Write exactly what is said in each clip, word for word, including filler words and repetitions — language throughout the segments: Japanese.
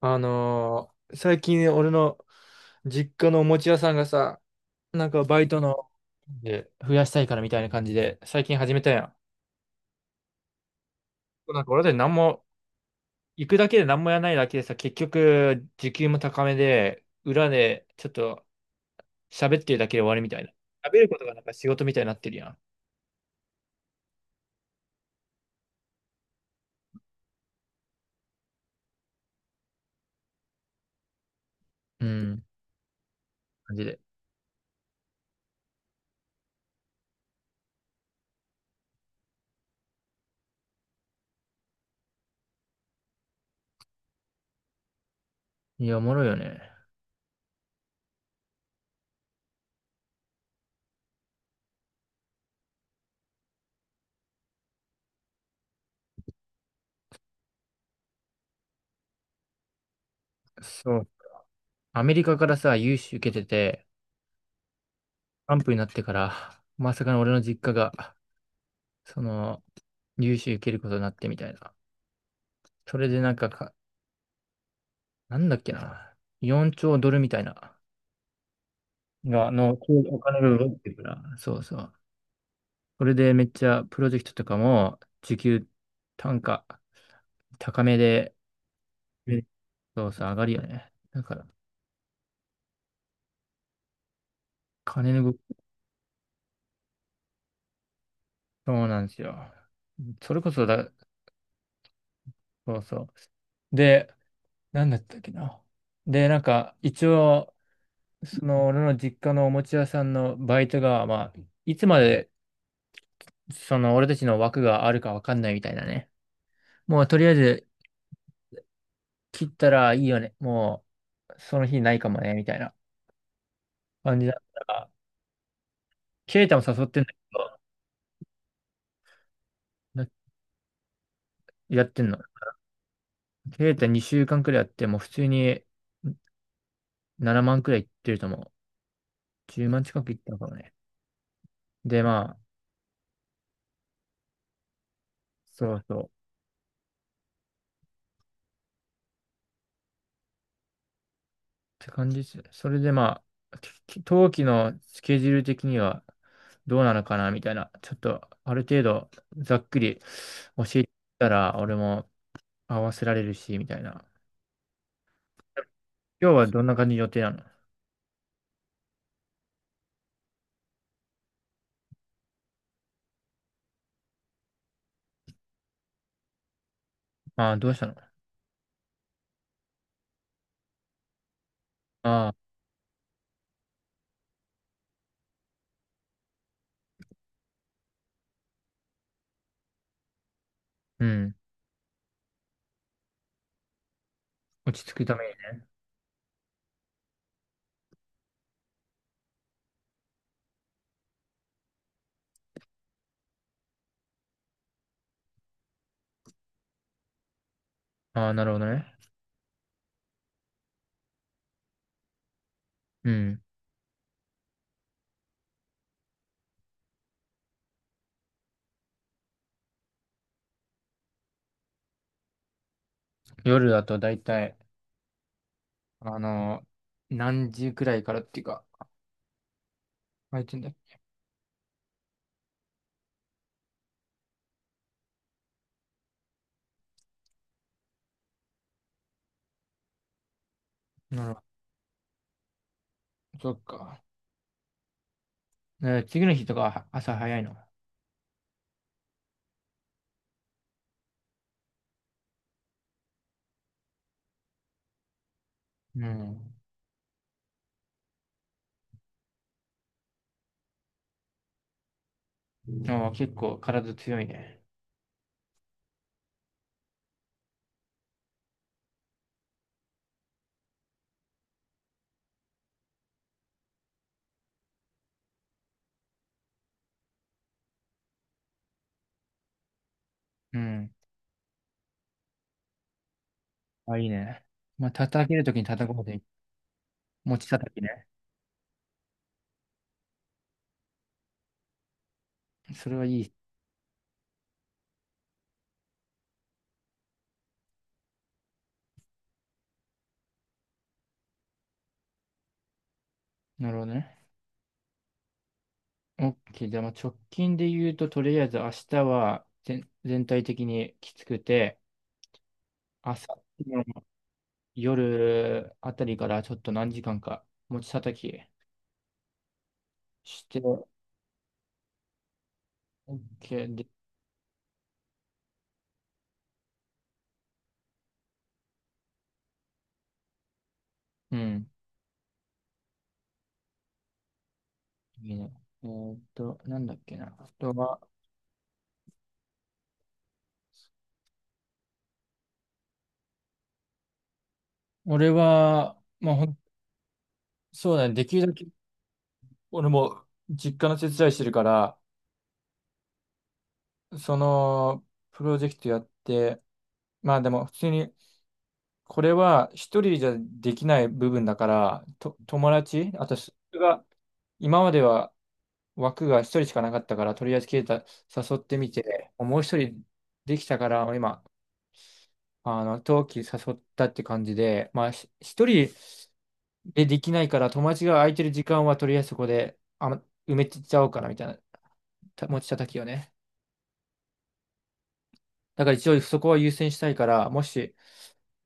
あのー最近俺の実家のお餅屋さんがさ、なんかバイトので増やしたいからみたいな感じで、最近始めたやん。なんか俺たち何も、行くだけで何もやらないだけでさ、結局時給も高めで、裏でちょっと喋ってるだけで終わりみたいな。喋ることがなんか仕事みたいになってるやん。うん、感じで。いや、おもろいよね。そう。アメリカからさ、融資受けてて、アンプになってから、まさかの俺の実家がその、融資受けることになってみたいな。それでなんかか、なんだっけな。よんちょうドルみたいな、が、の、お金が動いてるから。そうそう。それでめっちゃプロジェクトとかも、時給単価高めで、うんそうそう、上がるよね。だから、金の動き、そうなんですよ。それこそだ、そうそう。で、なんだったっけな。で、なんか、一応、その、俺の実家のおもちゃ屋さんのバイトが、まあ、いつまでその俺たちの枠があるかわかんないみたいなね。もうとりあえず切ったらいいよね。もうその日ないかもね、みたいな感じだったら、ケイタも誘ってんの、やってんの。ケイタにしゅうかんくらいやって、もう普通にななまんくらいいってると思う。じゅうまん近くいったのかもね。で、まあ、そうそう。って感じです。それでまあ、き冬季のスケジュール的にはどうなのかな、みたいな。ちょっとある程度ざっくり教えてたら、俺も合わせられるし、みたいな。今日はどんな感じの予定なの？ああ、どうしたの？ああ、うん。落ち着くためにね。ああ、なるほどね。うん。夜だと大体、あの、何時くらいからっていうか、空いてんだよ。なるほど。そっか。ね、次の日とかは朝早いの？うん。ああ、結構体強いね。うん。あ、いいね。まあ、叩けるときに叩こうで、持ち叩きね。それはいい。なるほどね。OK。じゃあ、まあ直近で言うと、とりあえず明日は全、全体的にきつくて、朝、夜あたりからちょっと何時間か持ち叩きして、OK で、うん、いいね。えーっと、なんだっけな。あとは、俺は、まあ、ほん、そうだね。できるだけ、俺も実家の手伝いしてるから、その、プロジェクトやって、まあでも、普通にこれは一人じゃできない部分だから、と、友達、あとそれが、今までは枠が一人しかなかったから、とりあえずケイタ誘ってみて、もう一人できたから、今、あの、冬季誘ったって感じで、まあ、ひ一人でできないから、友達が空いてる時間はとりあえずそこで、あ、埋めちゃおうかなみたいな、た持ち叩きをね。だから一応そこは優先したいから、もし、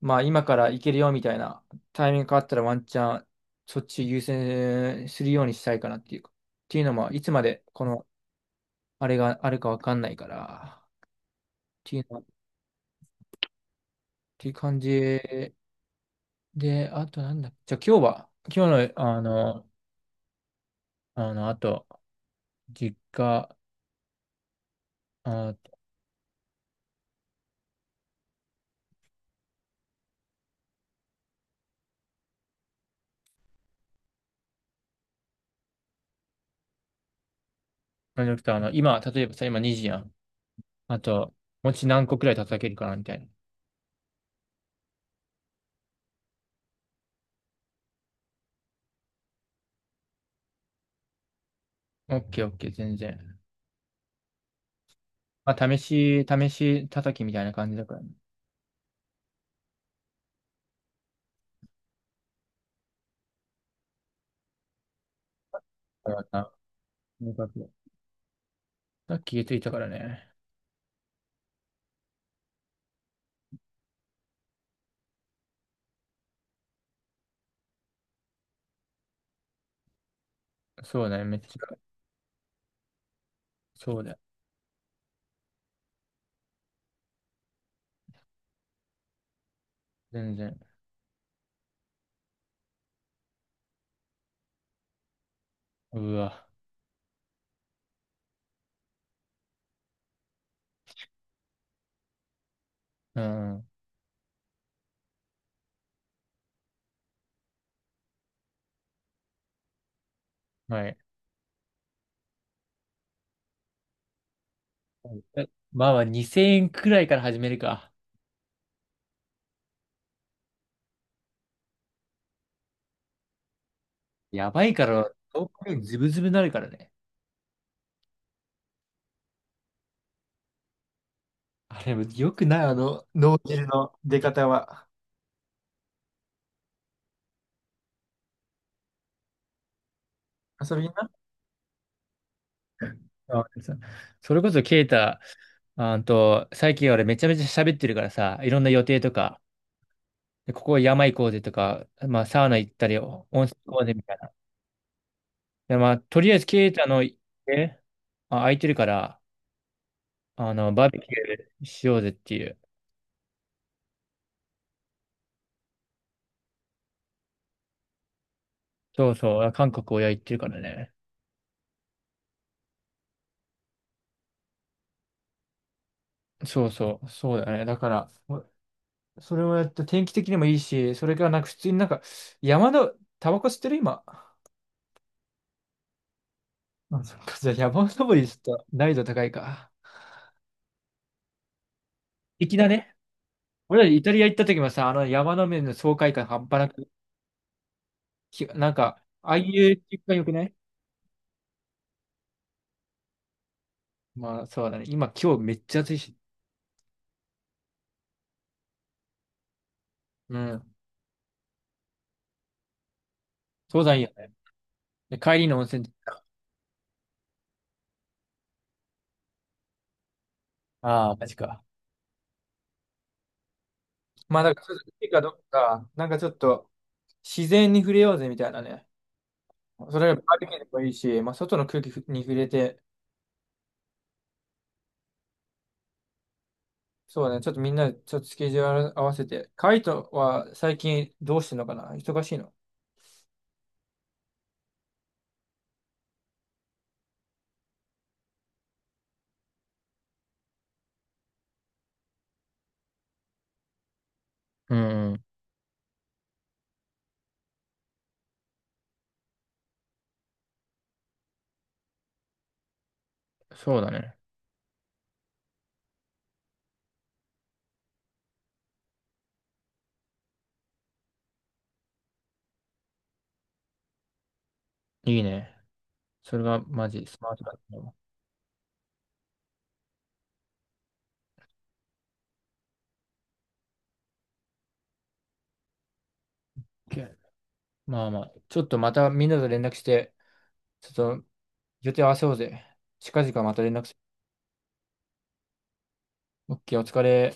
まあ今から行けるよみたいなタイミングがあったらワンチャンそっち優先するようにしたいかなっていうか。っていうのも、いつまでこのあれがあるかわかんないから。っていうの、っていう感じで、あとなんだ。じゃあ今日は、今日のあの、あの、あと、実家、あ、なんじゃなくて、あの、今、例えばさ、今にじやん。あと、餅何個くらい叩けるかなみたいな。オッケーオッケー、全然。まあ、試し、試し叩きみたいな感じだからね。だからさ、よかった、さっき気づいたからね。そうだね、めっちゃ。そうだよ。全然。うわ。うん。はい。えまあまあ、にせんえんくらいから始めるか。やばいから、遠くにズブズブになるからね。あれ、よくない、あの、脳汁の出方は。遊びにな。あそそれこそ、ケイタ、あんと、最近俺めちゃめちゃ喋ってるからさ、いろんな予定とか、で、ここ山行こうぜとか、まあ、サウナ行ったり、温泉行こうぜみたいな。で、まあ、とりあえず、ケイタの家、あ、空いてるから、あの、バーベキューしようぜっていう。そうそう、韓国親行ってるからね。そうそう、そうだね。だから、おそれをやって、天気的にもいいし、それからなんか普通になんか、山の、タバコ吸ってる今。あ、そっか、じゃあ山登りちょっと難易度高いか。粋だね。俺らイタリア行った時もさ、あの山の面の爽快感半端なく、きなんか、ああいう気感良くない？まあ、そうだね。今、今日めっちゃ暑いし。うん。登山いいよね。で、帰りの温泉。ああ、マジか。まあ、だから、ちょっといいかどうか、なんかちょっと、自然に触れようぜみたいなね。それがバーベキューでもいいし、まあ、外の空気に触れて、そうだね。ちょっとみんな、ちょっとスケジュール合わせて。カイトは最近どうしてんのかな、忙しいの？うんうん、そうだね。いいね。それがマジスマートだと思う。OK、 まあまあ、ちょっとまたみんなと連絡して、ちょっと予定合わせようぜ。近々また連絡。オッケー、お疲れ。